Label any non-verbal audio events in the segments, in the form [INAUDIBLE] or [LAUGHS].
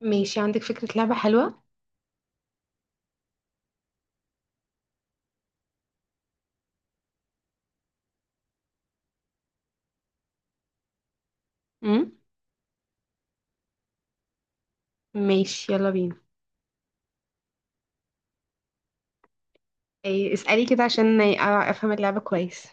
ماشي، عندك فكرة لعبة حلوة؟ امم. ماشي، يلا بينا. إيه اسألي كده عشان افهم اللعبة كويس.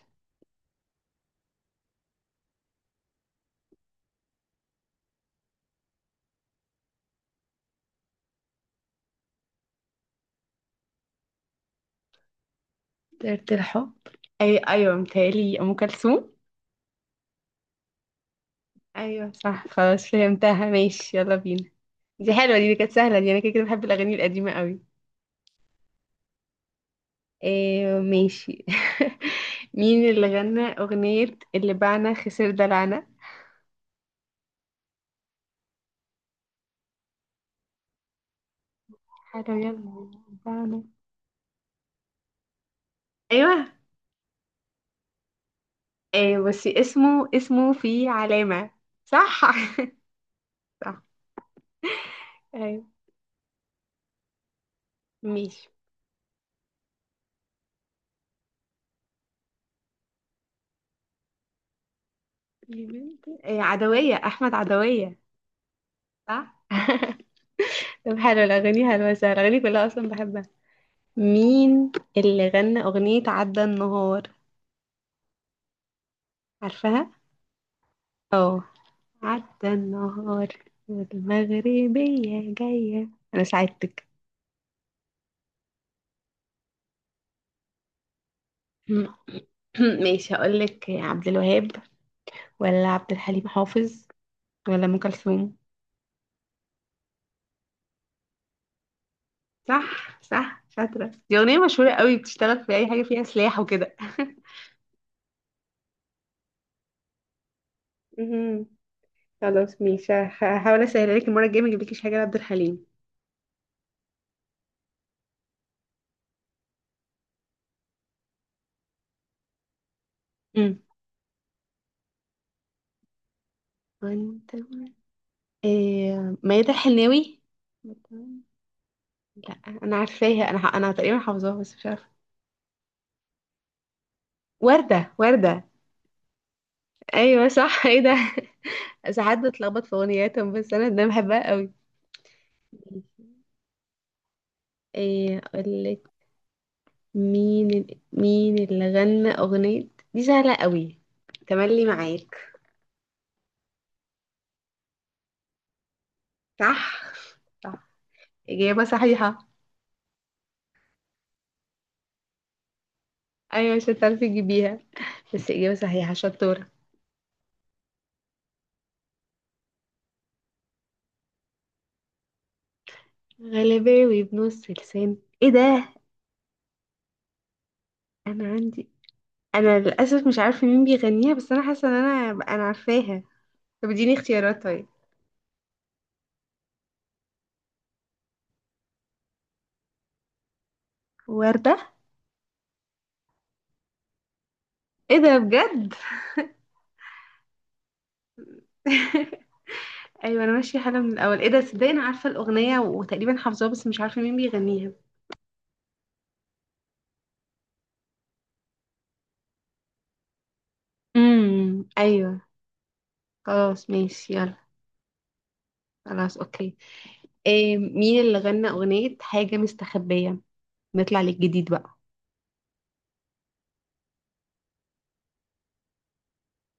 طيرة الحب. اي ايوه، متهيألي ام كلثوم. ايوه صح، خلاص فهمتها. ماشي يلا بينا. دي حلوة، دي كانت سهلة، دي انا كده كده بحب الاغاني القديمة قوي. إيه، ماشي. [LAUGHS] مين اللي غنى اغنية اللي بعنا خسر دلعنا؟ حلو، يلا. بعنا. ايوه. إيه، بس اسمه فيه علامة. صح. [LAUGHS] صح. ايوه. ماشي. يا بنتي إيه، عدوية، أحمد عدوية. صح؟ [LAUGHS] طب حلو، الأغاني حلوة سهلة، الأغاني كلها أصلا بحبها. مين اللي غنى أغنية عدى النهار؟ عارفاها؟ اه. عدى النهار. والمغربية جاية، أنا ساعدتك. [CLEARS THROAT] ماشي، هقولك عبد الوهاب ولا عبد الحليم حافظ ولا أم كلثوم؟ صح صح، شاطرة. دي أغنية مشهورة قوي، بتشتغل في أي حاجة فيها سلاح وكده. [LAUGHS] مهم. خلاص ماشي، هحاول اسهل عليك المره الجايه، ما اجيبلكيش حاجه لعبد الحليم. امم. وانت؟ إيه، ميادة الحناوي؟ لا. انا عارفاها، انا تقريبا حافظاها، بس مش عارفه. ورده ورده. ايوه صح، ايه ده؟ [LAUGHS] ساعات بتلخبط في اغنياتهم، بس انا ده بحبها قوي. ايه اقول لك. مين اللي غنى اغنيه، دي سهله قوي، تملي معاك؟ صح. صح. اجابه صحيحه، ايوه مش هتعرفي تجيبيها، بس اجابه صحيحه، شطوره. غلباوي بنص لسان. ايه ده؟ انا عندي، انا للاسف مش عارفه مين بيغنيها، بس انا حاسه ان انا عارفاها. طب اديني اختيارات طيب. وردة. ايه ده بجد؟ [LAUGHS] ايوه، انا ماشيه حاله من الاول، ايه ده، صدقني انا عارفه الاغنيه وتقريبا حافظاها بس مش عارفه مين بيغنيها. امم. ايوه. خلاص ماشي، يلا. خلاص اوكي. إيه، مين اللي غنى اغنيه حاجه مستخبيه؟ نطلع للجديد بقى.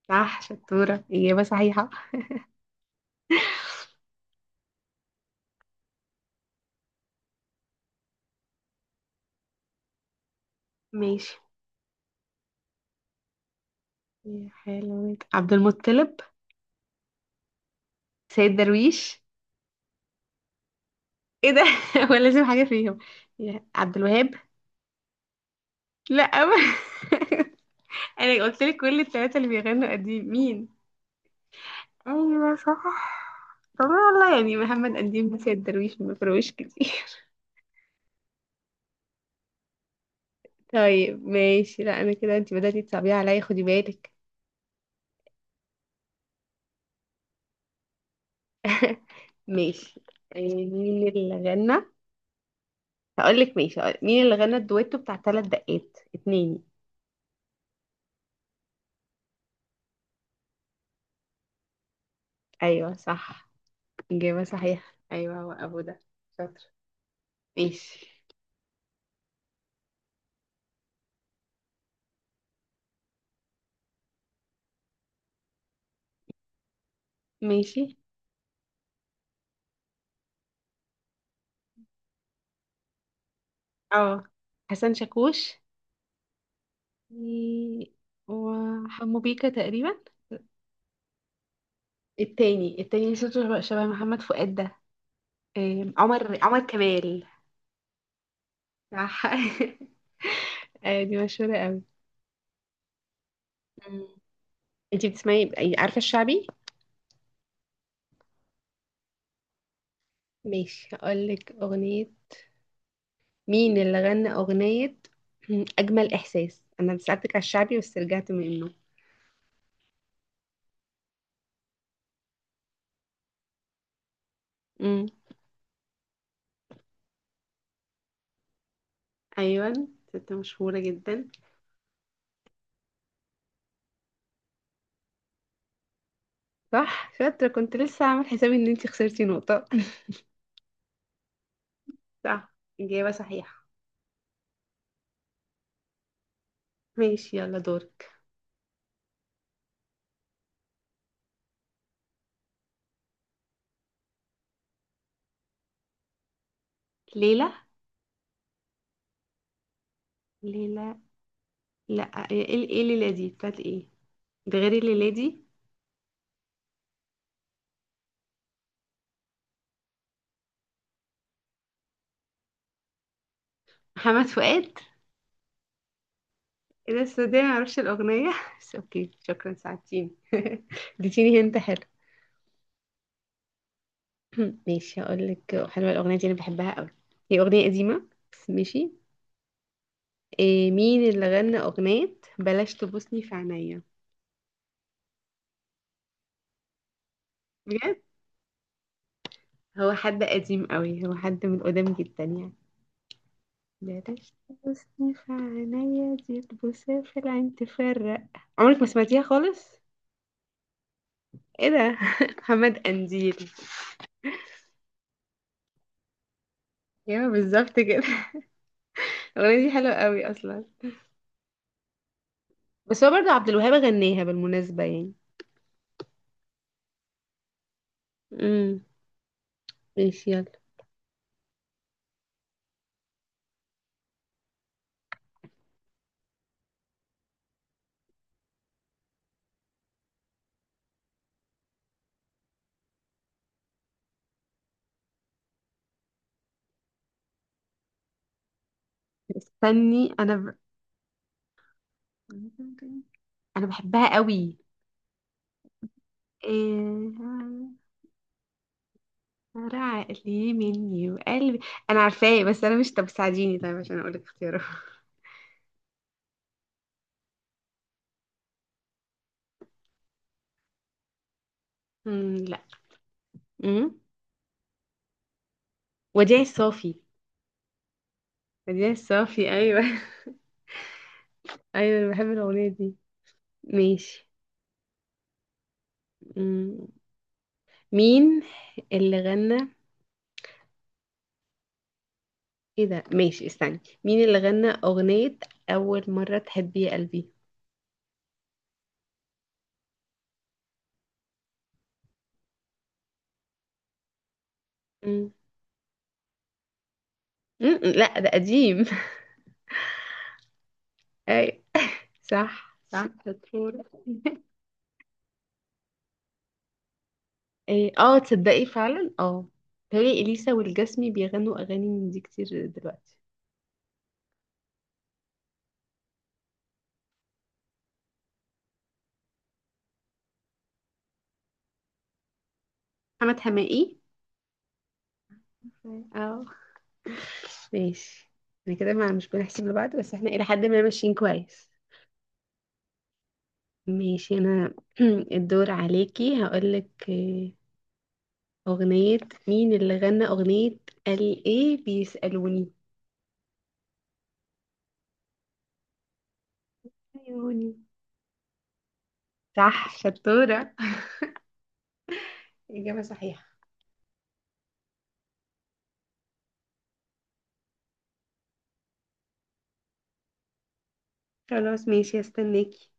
صح، شطوره، اجابه صحيحه. ماشي. يا حلوة، عبد المطلب؟ سيد درويش؟ ايه ده؟ [LAUGHS] هو لازم حاجة فيهم، يا عبد الوهاب؟ لا، [LAUGHS] انا قلت لك كل الثلاثة اللي بيغنوا قديم، مين؟ ايوه صح. طب والله يعني محمد قديم، سيد درويش، ما فرقوش كتير. [LAUGHS] طيب ماشي، لا انا كده، انت بدأتي تصعبيها عليا، خدي بالك. [LAUGHS] ماشي. مين اللي غنى، هقول لك ماشي، مين اللي غنى الدويتو بتاع ثلاث دقات اتنين؟ ايوه صح، اجابه صحيحه، ايوه هو ابو ده. شاطر. ماشي. ماشي. اه. حسن شاكوش و- وحمو بيكا تقريبا. التاني صوته شبه محمد فؤاد ده. عمر كمال. صح. [LAUGHS] دي مشهورة قوي. مم. انتي بتسمعي عارفة الشعبي؟ ماشي هقولك أغنية، مين اللي غنى أغنية [CLEARS THROAT] أجمل إحساس. أنا سألتك على الشعبي بس رجعت منه. امم. أيوة، ست مشهورة جدا. صح، شاطرة، كنت لسه عامل حسابي إن انتي خسرتي نقطة. [LAUGHS] صح، إجابة صحيحة. ماشي، يلا دورك. ليلى. ليلى. لا. ايه ليلى دي بتاعت ايه؟ ده غير الليلة دي. محمد فؤاد. ايه ده، السعودية معرفش الأغنية. [LAUGHS] بس اوكي، شكرا ساعدتيني. [LAUGHS] اديتيني هنت، حلو. [CLEARS THROAT] ماشي هقول لك، حلوة الأغنية دي أنا بحبها قوي، هي أغنية قديمة بس ماشي. إيه، مين اللي غنى أغنية بلاش تبوسني في عينيا؟ بجد؟ هو حد قديم قوي، هو حد من قدام جدا يعني. بلاش تبوسني في عينيا، دي تبوسها في العين تفرق. عمرك ما سمعتيها خالص؟ ايه ده. [LAUGHS] محمد قنديل. ايوه بالظبط كده. [LAUGHS] الاغنيه دي حلوه قوي اصلا، بس هو برضه عبد الوهاب غناها بالمناسبه يعني. امم. ماشي، يلا. استني انا انا بحبها قوي. إيه... ترى عقلي مني وقلبي. انا عارفاه، بس انا مش، طب ساعديني طيب عشان اقول لك اختياره. [LAUGHS] لا. امم. وديع الصافي؟ مدينة الصافي، أيوة. [LAUGHS] أيوة أنا بحب الأغنية دي. ماشي. مم. مين اللي غنى، ايه ده ماشي استني، مين اللي غنى أغنية أول مرة تحبي يا قلبي؟ مم. مم. لا، ده قديم. [LAUGHS] أي، صح صح، شطورة. [LAUGHS] إيه، اه تصدقي فعلا، اه. تهيألي إليسا والجسمي بيغنوا أغاني من دي كتير دلوقتي. محمد حماقي. اه. ماشي. احنا كده ما مش بنحسب لبعض، بس احنا إلى حد ما ماشيين كويس. ماشي انا. [CLEARS THROAT] الدور عليكي، هقولك اغنية، مين اللي غنى اغنية قال ايه بيسألوني عيوني؟ صح شطورة. [LAUGHS] إجابة صحيحة. خلاص ماشي، استناكي.